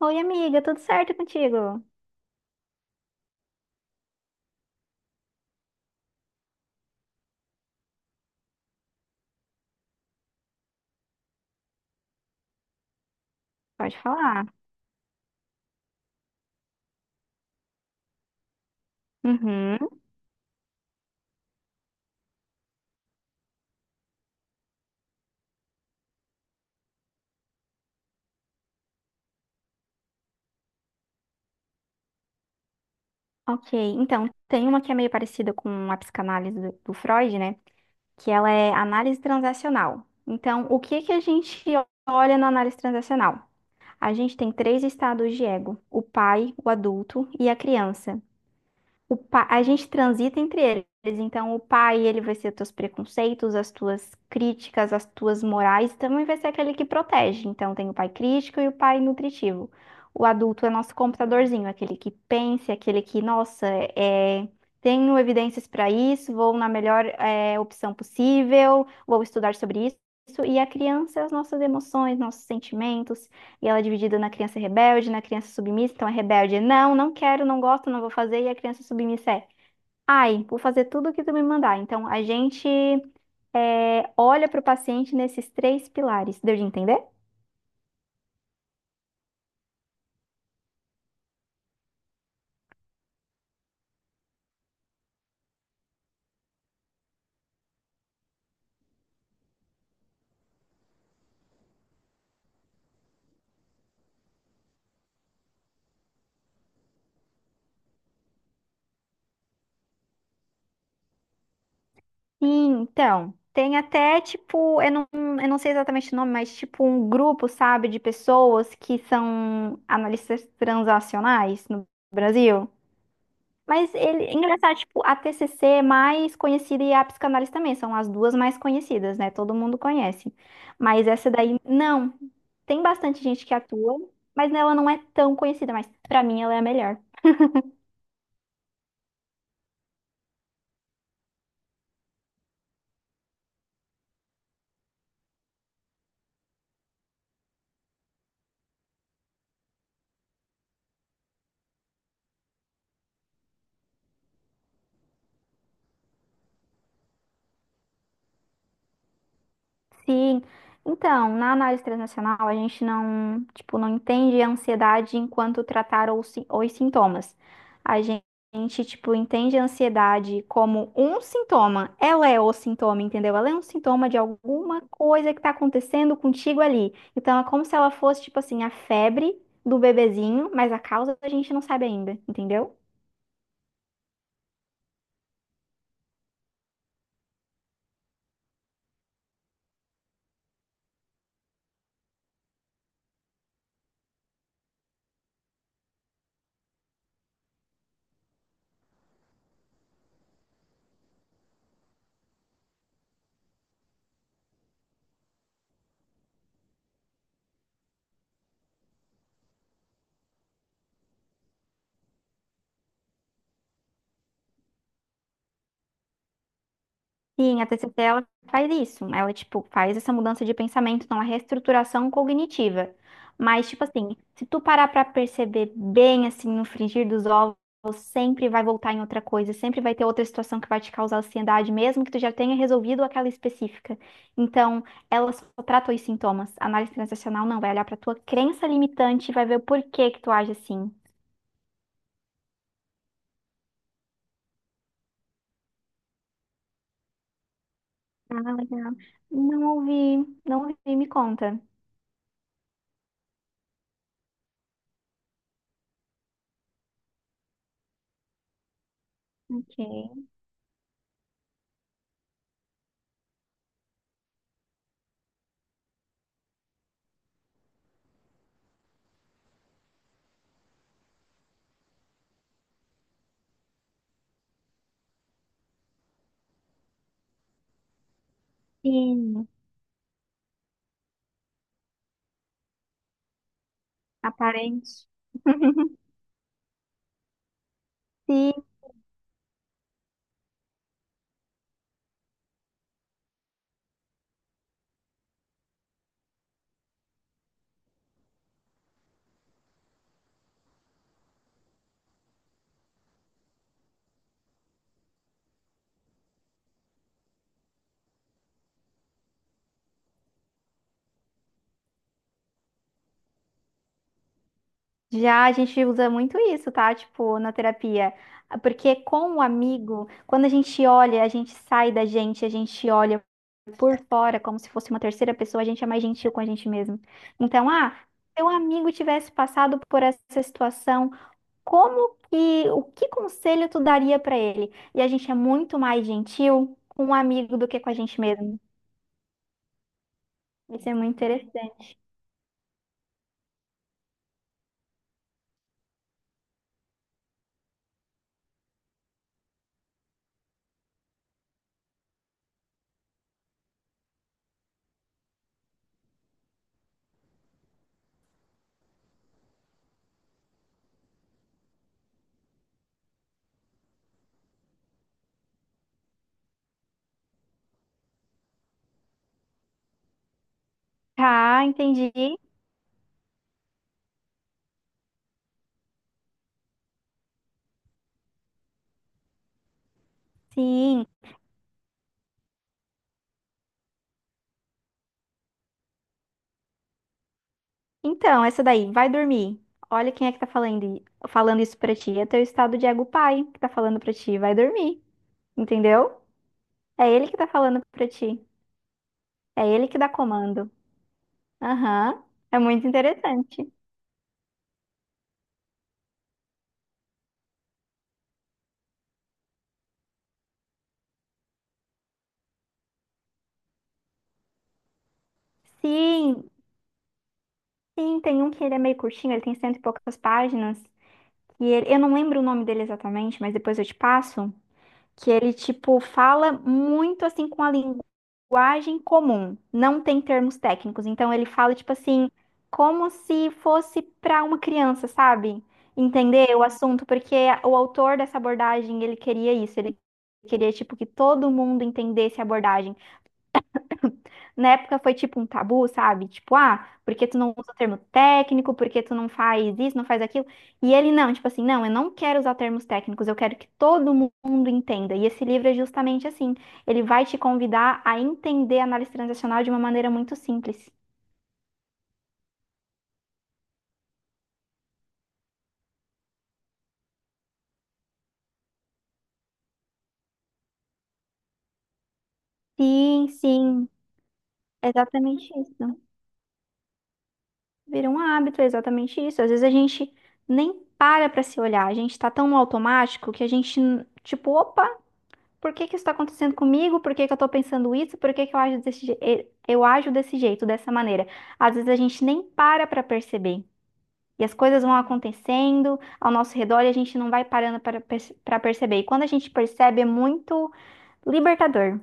Oi, amiga, tudo certo contigo? Pode falar. Uhum, ok. Então, tem uma que é meio parecida com a psicanálise do Freud, né? Que ela é análise transacional. Então, o que que a gente olha na análise transacional? A gente tem três estados de ego: o pai, o adulto e a criança. A gente transita entre eles. Então, o pai, ele vai ser teus preconceitos, as tuas críticas, as tuas morais, também vai ser aquele que protege. Então, tem o pai crítico e o pai nutritivo. O adulto é nosso computadorzinho, aquele que pensa, aquele que, nossa, é, tenho evidências para isso, vou na melhor, opção possível, vou estudar sobre isso. E a criança, as nossas emoções, nossos sentimentos. E ela é dividida na criança rebelde, na criança submissa. Então a rebelde é não, não quero, não gosto, não vou fazer. E a criança submissa é ai, vou fazer tudo o que tu me mandar. Então a gente olha para o paciente nesses três pilares. Deu de entender? Sim, então. Tem até, tipo, eu não sei exatamente o nome, mas tipo um grupo, sabe, de pessoas que são analistas transacionais no Brasil. Mas ele, é engraçado, tipo, a TCC é mais conhecida e a psicanálise também, são as duas mais conhecidas, né? Todo mundo conhece. Mas essa daí, não. Tem bastante gente que atua, mas ela não é tão conhecida, mas pra mim ela é a melhor. Sim. Então, na análise transacional, a gente não, tipo, não entende a ansiedade enquanto tratar os sintomas. A gente, tipo, entende a ansiedade como um sintoma. Ela é o sintoma, entendeu? Ela é um sintoma de alguma coisa que tá acontecendo contigo ali. Então, é como se ela fosse, tipo assim, a febre do bebezinho, mas a causa a gente não sabe ainda, entendeu? Sim, a TCC ela faz isso. Ela, tipo, faz essa mudança de pensamento, então, a reestruturação cognitiva. Mas, tipo assim, se tu parar pra perceber bem, assim, no frigir dos ovos, sempre vai voltar em outra coisa, sempre vai ter outra situação que vai te causar ansiedade, mesmo que tu já tenha resolvido aquela específica. Então, ela só trata os sintomas. A análise transacional não vai olhar pra tua crença limitante e vai ver o porquê que tu age assim. Ah, legal. Não ouvi, não ouvi, me conta. Ok. Sim. Aparente. Sim, já a gente usa muito isso, tá? Tipo, na terapia. Porque com o amigo, quando a gente olha, a gente sai da gente, a gente olha por fora como se fosse uma terceira pessoa, a gente é mais gentil com a gente mesmo. Então, ah, se o amigo tivesse passado por essa situação, como que, o que conselho tu daria pra ele? E a gente é muito mais gentil com o amigo do que com a gente mesmo. Isso é muito interessante. Ah, entendi. Sim. Então, essa daí, vai dormir. Olha quem é que tá falando, falando isso pra ti. É teu estado de ego pai que tá falando pra ti. Vai dormir. Entendeu? É ele que tá falando pra ti. É ele que dá comando. Aham. É muito interessante. Sim, sim, tem um que ele é meio curtinho, ele tem cento e poucas páginas. E ele, eu não lembro o nome dele exatamente, mas depois eu te passo. Que ele, tipo, fala muito assim com a linguagem comum, não tem termos técnicos. Então ele fala, tipo assim, como se fosse para uma criança, sabe? Entender o assunto, porque o autor dessa abordagem, ele queria isso, ele queria, tipo, que todo mundo entendesse a abordagem. Na época foi tipo um tabu, sabe? Tipo, ah, por que tu não usa o termo técnico? Por que tu não faz isso, não faz aquilo? E ele não, tipo assim, não, eu não quero usar termos técnicos, eu quero que todo mundo entenda. E esse livro é justamente assim, ele vai te convidar a entender a análise transacional de uma maneira muito simples. Sim, sim, exatamente isso. Vira um hábito, é exatamente isso. Às vezes a gente nem para pra se olhar, a gente tá tão no automático que a gente, tipo, opa, por que que isso está acontecendo comigo? Por que que eu estou pensando isso? Por que que eu ajo eu ajo desse jeito, dessa maneira? Às vezes a gente nem para para perceber. E as coisas vão acontecendo ao nosso redor e a gente não vai parando para pra perceber. E quando a gente percebe, é muito libertador.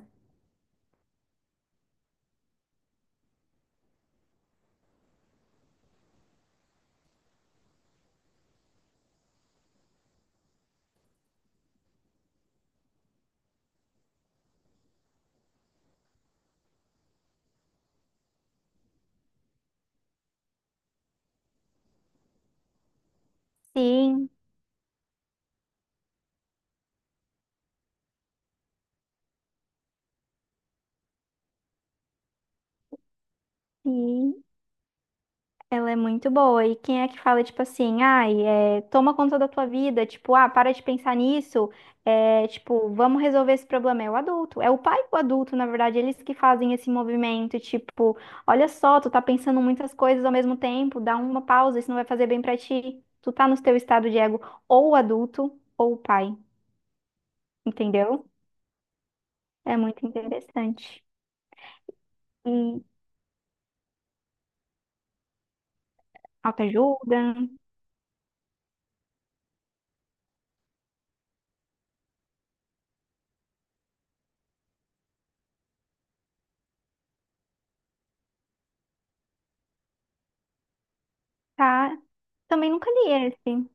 Sim, sim. Ela é muito boa. E quem é que fala, tipo assim, ai, toma conta da tua vida, tipo, ah, para de pensar nisso, tipo, vamos resolver esse problema. É o adulto, é o pai e o adulto, na verdade, eles que fazem esse movimento, tipo, olha só, tu tá pensando muitas coisas ao mesmo tempo, dá uma pausa, isso não vai fazer bem pra ti. Tu tá no teu estado de ego, ou o adulto, ou o pai, entendeu? É muito interessante. E autoajuda, tá? Também nunca li esse,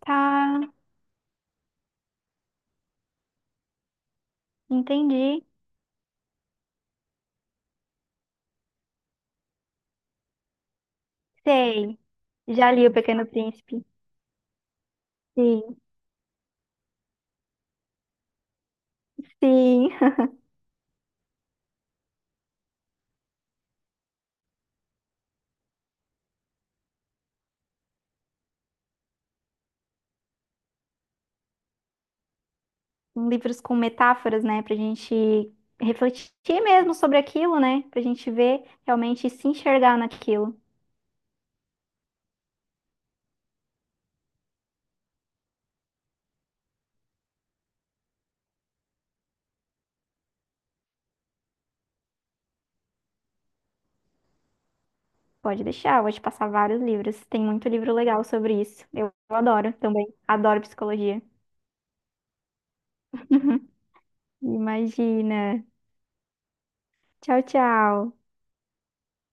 tá? Entendi. Sei. Já li O Pequeno Príncipe. Sim, sim. Livros com metáforas, né? Pra gente refletir mesmo sobre aquilo, né? Pra gente ver realmente e se enxergar naquilo. Pode deixar, eu vou te passar vários livros. Tem muito livro legal sobre isso. Eu adoro também. Adoro psicologia. Imagina. Tchau, tchau.